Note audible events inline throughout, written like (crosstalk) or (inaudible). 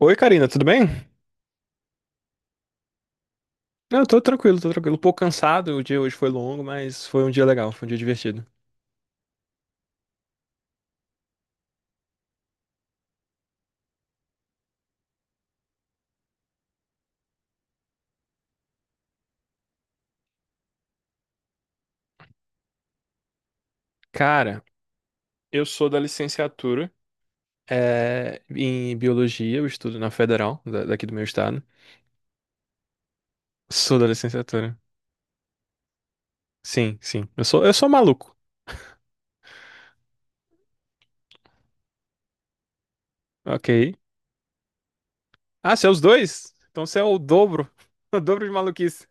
Oi, Karina, tudo bem? Não, eu tô tranquilo, tô tranquilo. Um pouco cansado, o dia hoje foi longo, mas foi um dia legal, foi um dia divertido. Cara, eu sou da licenciatura em biologia, eu estudo na Federal, daqui do meu estado. Sou da licenciatura. Sim, sim. Eu sou maluco. Ok. Ah, você é os dois? Então você é o dobro. (laughs) O dobro de maluquice.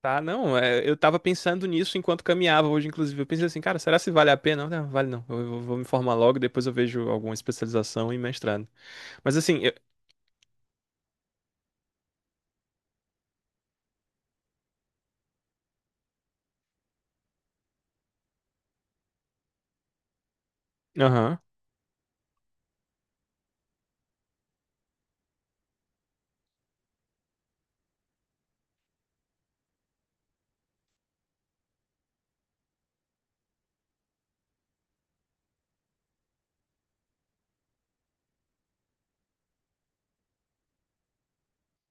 Tá, não, eu tava pensando nisso enquanto caminhava hoje, inclusive. Eu pensei assim, cara, será se vale a pena? Não, vale não. Eu vou me formar logo, depois eu vejo alguma especialização e mestrado. Mas assim, eu, Aham,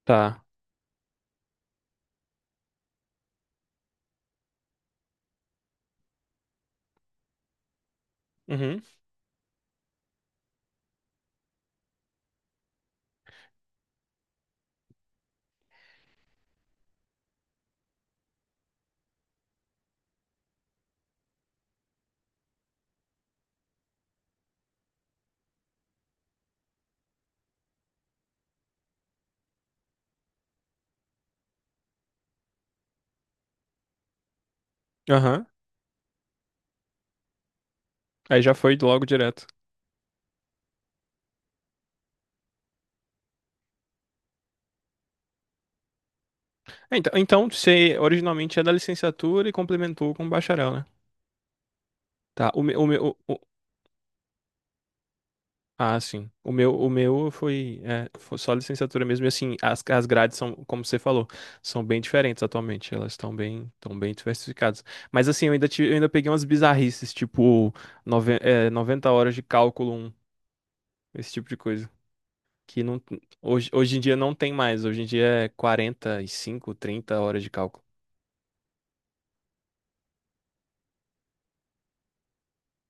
tá. Uhum, aham. Aí já foi logo direto. É, então, você originalmente é da licenciatura e complementou com bacharel, né? Tá, o meu, o meu, o- ah, sim. O meu foi só licenciatura mesmo. E assim, as grades são, como você falou, são bem diferentes atualmente. Elas estão bem diversificadas. Mas assim, eu ainda peguei umas bizarrices, tipo, 90 horas de cálculo 1, esse tipo de coisa. Que não, Hoje em dia não tem mais. Hoje em dia é 45, 30 horas de cálculo.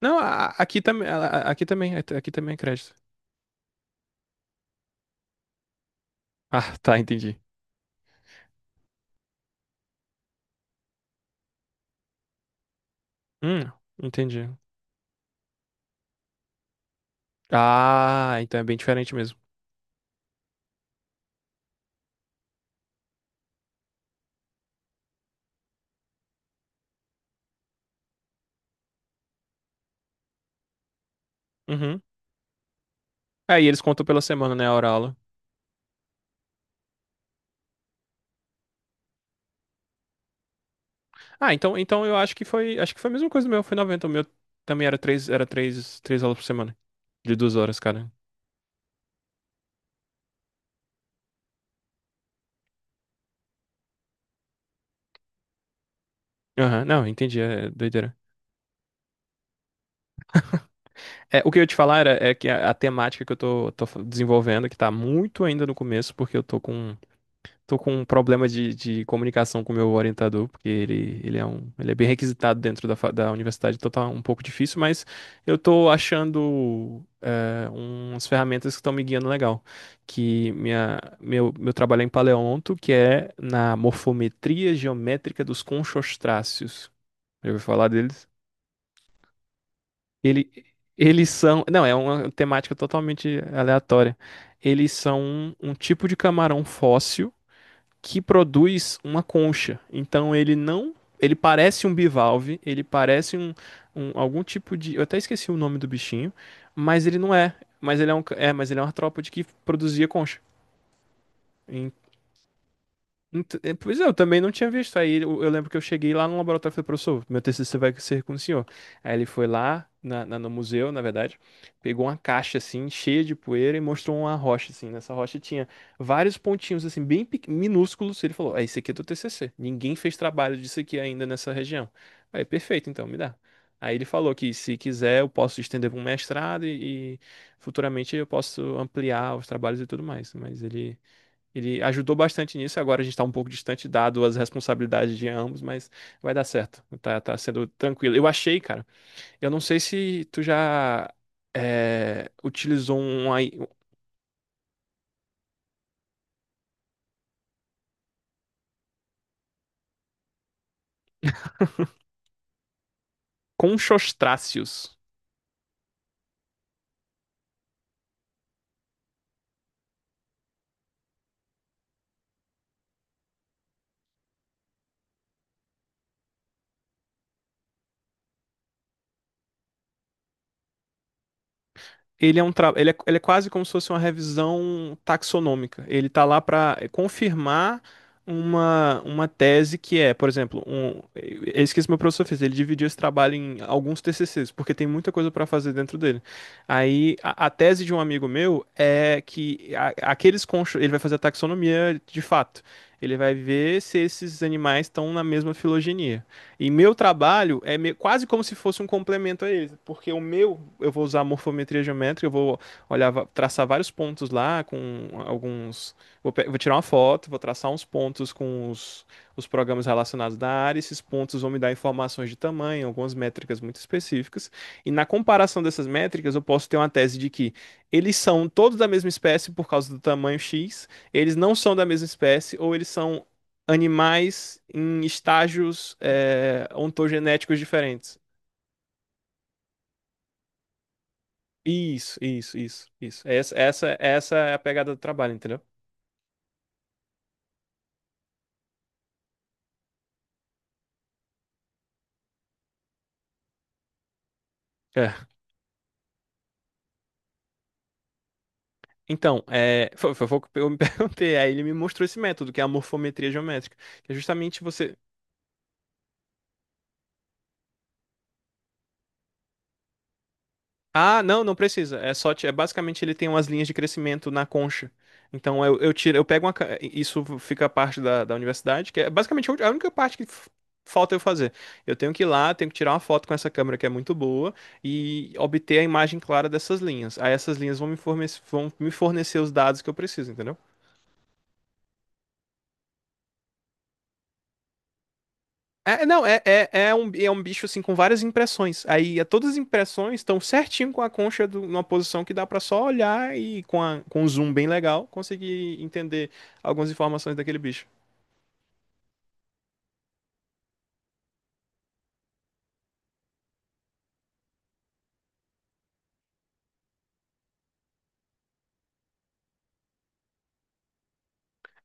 Não, aqui também, aqui também, aqui também é crédito. (laughs) Ah, tá, entendi. Hum, entendi. Ah, então é bem diferente mesmo. Uhum. Aí eles contam pela semana, né, a hora aula. Ah, então eu acho que foi a mesma coisa do meu, foi 90 o meu também era três aulas por semana, de 2 horas, cara. Aham, não, entendi, é doideira. É, o que eu ia te falar era, é que a temática que eu tô desenvolvendo, que tá muito ainda no começo, porque eu tô com um problema de comunicação com o meu orientador, porque ele é bem requisitado dentro da, da universidade, então tá um pouco difícil, mas eu tô achando umas ferramentas que estão me guiando legal. Que meu trabalho é em paleonto, que é na morfometria geométrica dos conchostráceos. Já ouviu falar deles? Ele, eles são. Não, é uma temática totalmente aleatória. Eles são um tipo de camarão fóssil que produz uma concha. Então ele não. Ele parece um bivalve, ele parece um, algum tipo de. Eu até esqueci o nome do bichinho, mas ele não é. Mas ele é um artrópode que produzia concha. Pois é, eu também não tinha visto. Aí eu lembro que eu cheguei lá no laboratório e falei, professor, meu TCC vai ser com o senhor. Aí ele foi lá na, no museu, na verdade, pegou uma caixa assim, cheia de poeira e mostrou uma rocha assim. Nessa rocha tinha vários pontinhos assim, minúsculos. Ele falou, ah, esse aqui é do TCC. Ninguém fez trabalho disso aqui ainda nessa região. Aí, perfeito, então, me dá. Aí ele falou que se quiser eu posso estender para um mestrado e futuramente eu posso ampliar os trabalhos e tudo mais. Ele ajudou bastante nisso. Agora a gente está um pouco distante, dado as responsabilidades de ambos, mas vai dar certo. Tá, sendo tranquilo. Eu achei, cara. Eu não sei se tu já utilizou um aí. Conchostráceos. Ele é um tra... ele é quase como se fosse uma revisão taxonômica. Ele está lá para confirmar uma tese que é, por exemplo, é isso que esse meu professor fez. Ele dividiu esse trabalho em alguns TCCs, porque tem muita coisa para fazer dentro dele. Aí a tese de um amigo meu é que ele vai fazer a taxonomia de fato. Ele vai ver se esses animais estão na mesma filogenia. E meu trabalho é quase como se fosse um complemento a eles, porque o meu, eu vou usar morfometria geométrica, eu vou olhar, traçar vários pontos lá com alguns. Vou tirar uma foto, vou traçar uns pontos com os programas relacionados da área, esses pontos vão me dar informações de tamanho, algumas métricas muito específicas, e na comparação dessas métricas, eu posso ter uma tese de que eles são todos da mesma espécie por causa do tamanho X, eles não são da mesma espécie, ou eles são animais em estágios ontogenéticos diferentes. Isso, isso, isso, isso. Essa é a pegada do trabalho, entendeu? É. Então, foi o que eu me (laughs) perguntei. Aí ele me mostrou esse método, que é a morfometria geométrica, que é justamente você. Ah, não, não precisa. É só, é basicamente ele tem umas linhas de crescimento na concha. Então eu pego uma, isso fica parte da universidade, que é basicamente a única parte que falta eu fazer. Eu tenho que ir lá, tenho que tirar uma foto com essa câmera que é muito boa e obter a imagem clara dessas linhas. Aí essas linhas vão me fornecer os dados que eu preciso, entendeu? É, não, é, é, é um bicho assim com várias impressões. Aí é, todas as impressões estão certinho com a concha numa posição que dá pra só olhar e com um zoom bem legal conseguir entender algumas informações daquele bicho.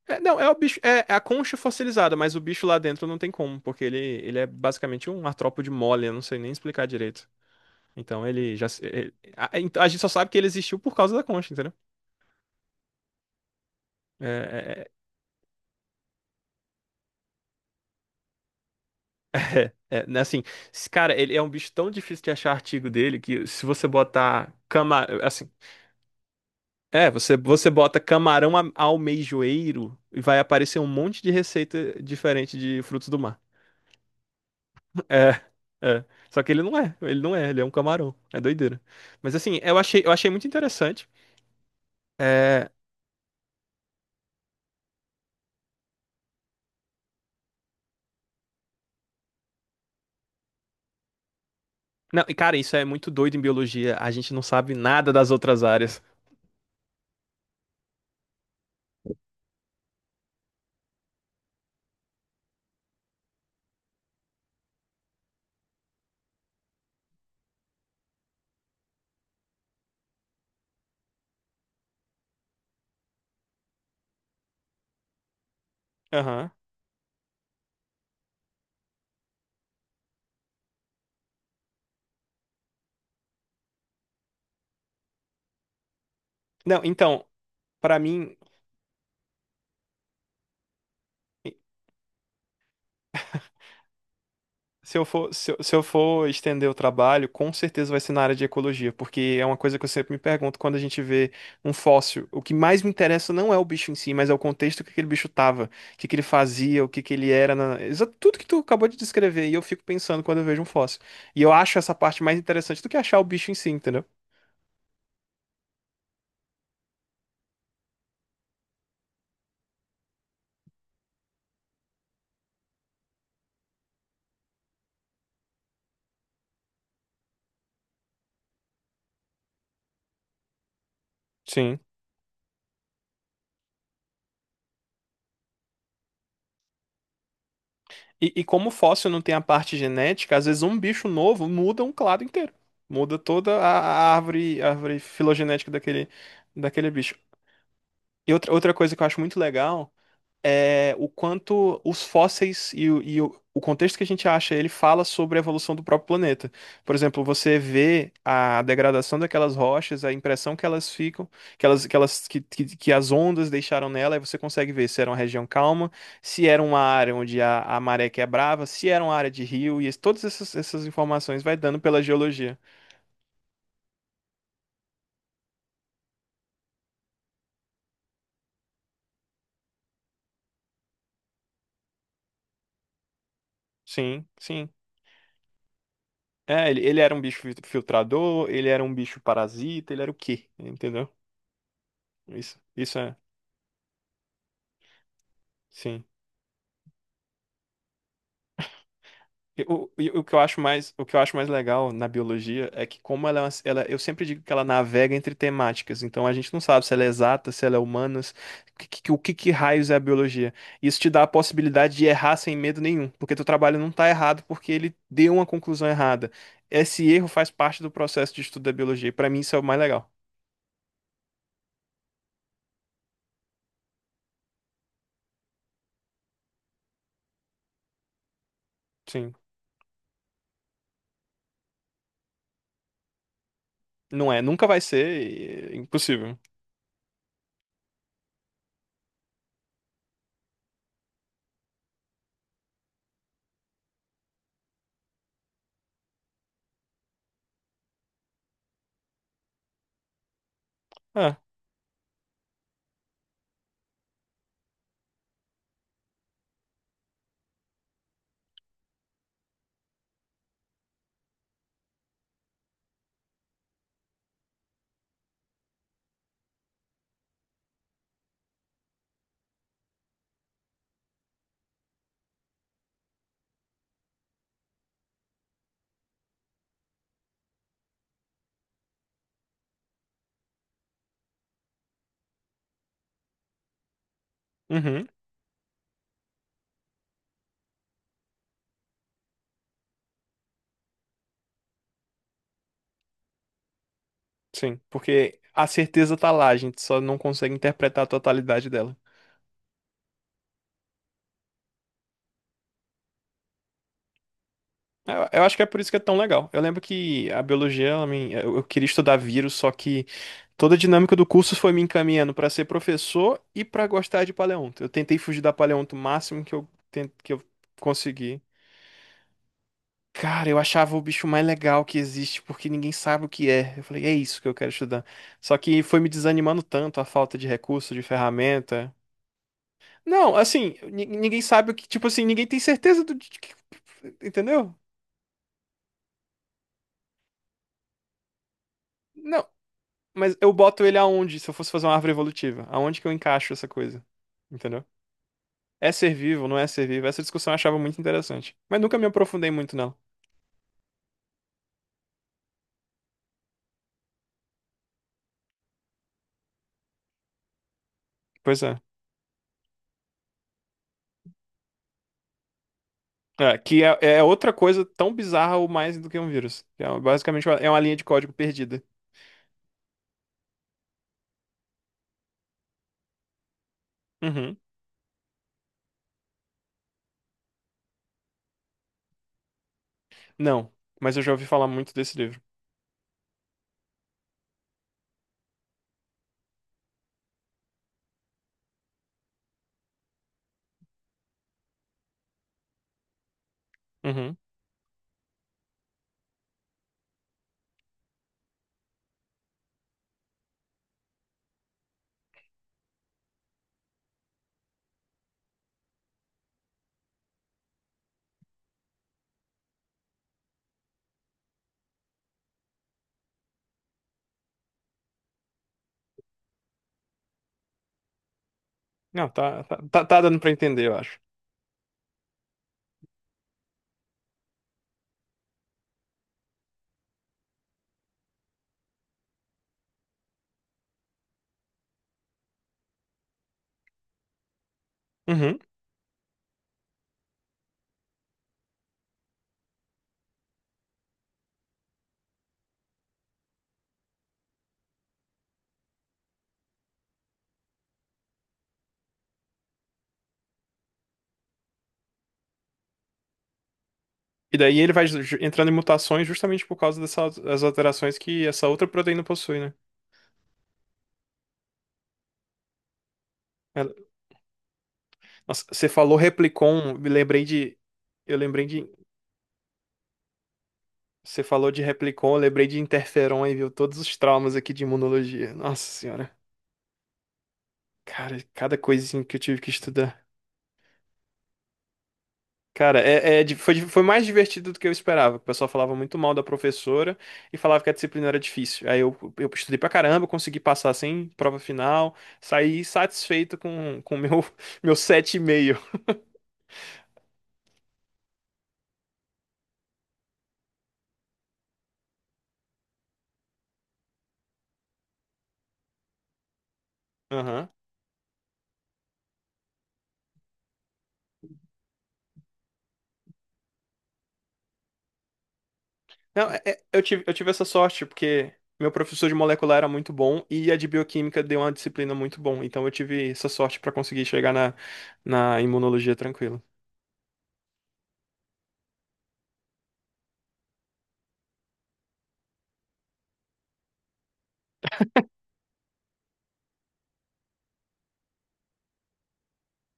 É, não, é o bicho, é a concha fossilizada, mas o bicho lá dentro não tem como, porque ele é basicamente um artrópode mole, eu não sei nem explicar direito. Então ele já. Se- ele- a, A gente só sabe que ele existiu por causa da concha, entendeu? É, é, é, É, né, assim, esse cara, ele é um bicho tão difícil de achar artigo dele que se você botar assim, você bota camarão almeijoeiro e vai aparecer um monte de receita diferente de frutos do mar. (laughs) É, é. Só que ele não é, ele não é, ele é um camarão. É doideira. Mas assim, eu achei muito interessante. É, não, e cara, isso é muito doido em biologia. A gente não sabe nada das outras áreas. Aham. Não, então, pra mim. Se eu for estender o trabalho, com certeza vai ser na área de ecologia, porque é uma coisa que eu sempre me pergunto quando a gente vê um fóssil. O que mais me interessa não é o bicho em si, mas é o contexto que aquele bicho tava, o que que ele fazia, o que que ele era, tudo que tu acabou de descrever. E eu fico pensando quando eu vejo um fóssil. E eu acho essa parte mais interessante do que achar o bicho em si, entendeu? Sim. E como o fóssil não tem a parte genética, às vezes um bicho novo muda um clado inteiro. Muda toda a árvore filogenética daquele, daquele bicho. E outra coisa que eu acho muito legal o quanto os fósseis e o contexto que a gente acha, ele fala sobre a evolução do próprio planeta. Por exemplo, você vê a degradação daquelas rochas, a impressão que elas ficam, que elas, que elas, que as ondas deixaram nela, e você consegue ver se era uma região calma, se era uma área onde a maré quebrava, se era uma área de rio, e todas essas informações vai dando pela geologia. Sim, sim. É, ele era um bicho filtrador, ele era um bicho parasita, ele era o quê? Entendeu? Isso, isso é, sim. E o que eu acho mais, o que eu acho mais legal na biologia é que como ela, ela, eu sempre digo que ela navega entre temáticas, então a gente não sabe se ela é exata, se ela é humanas, o que, que raios é a biologia. Isso te dá a possibilidade de errar sem medo nenhum, porque teu trabalho não tá errado porque ele deu uma conclusão errada. Esse erro faz parte do processo de estudo da biologia, e para mim isso é o mais legal. Sim, não é, nunca vai ser, e é impossível. Ah, uhum, sim, porque a certeza tá lá, a gente só não consegue interpretar a totalidade dela. Eu acho que é por isso que é tão legal. Eu lembro que a biologia, eu queria estudar vírus, só que toda a dinâmica do curso foi me encaminhando para ser professor e para gostar de paleonto. Eu tentei fugir da paleonto o máximo que que eu consegui. Cara, eu achava o bicho mais legal que existe, porque ninguém sabe o que é. Eu falei, é isso que eu quero estudar. Só que foi me desanimando tanto a falta de recurso, de ferramenta. Não, assim, ninguém sabe o que, tipo assim, ninguém tem certeza do, entendeu? Não. Mas eu boto ele aonde, se eu fosse fazer uma árvore evolutiva? Aonde que eu encaixo essa coisa? Entendeu? É ser vivo, não é ser vivo? Essa discussão eu achava muito interessante. Mas nunca me aprofundei muito nela. Pois é. É outra coisa tão bizarra ou mais do que um vírus. É, basicamente é uma linha de código perdida. Uhum. Não, mas eu já ouvi falar muito desse livro. Uhum. Não, tá dando pra entender, eu acho. Uhum. E daí ele vai entrando em mutações justamente por causa dessas as alterações que essa outra proteína possui, né? É. Nossa, você falou Replicon, me lembrei de. Eu lembrei de. Você falou de Replicon, eu lembrei de Interferon e viu todos os traumas aqui de imunologia. Nossa senhora. Cara, cada coisinha que eu tive que estudar. Cara, foi mais divertido do que eu esperava. O pessoal falava muito mal da professora e falava que a disciplina era difícil. Aí eu estudei pra caramba, consegui passar sem prova final, saí satisfeito com o (laughs) meu 7,5. Meio. Não, eu tive essa sorte, porque meu professor de molecular era muito bom e a de bioquímica deu uma disciplina muito bom. Então eu tive essa sorte pra conseguir chegar na, na imunologia tranquilo.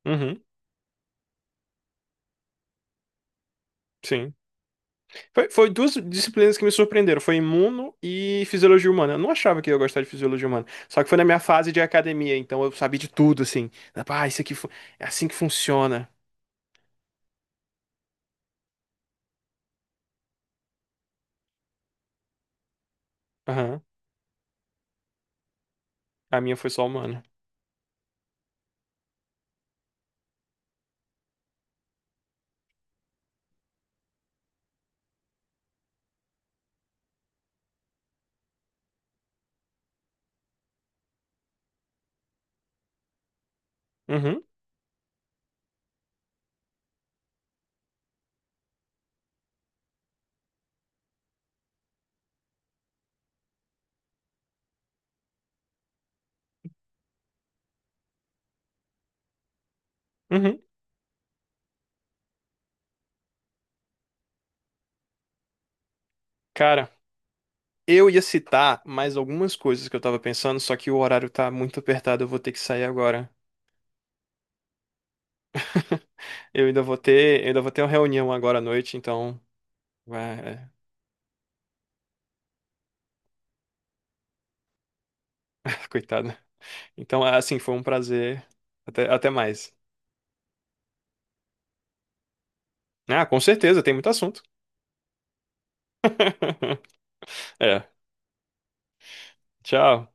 Uhum, sim. Foi duas disciplinas que me surpreenderam. Foi imuno e fisiologia humana. Eu não achava que eu ia gostar de fisiologia humana. Só que foi na minha fase de academia, então eu sabia de tudo, assim. Ah, é assim que funciona. Aham. A minha foi só humana. Uhum, uhum. Cara. Eu ia citar mais algumas coisas que eu tava pensando, só que o horário tá muito apertado, eu vou ter que sair agora. (laughs) Eu ainda vou ter uma reunião agora à noite, então, vai, é, (laughs) coitado. Então, assim, foi um prazer. Até mais. Ah, com certeza, tem muito assunto. (laughs) É, tchau.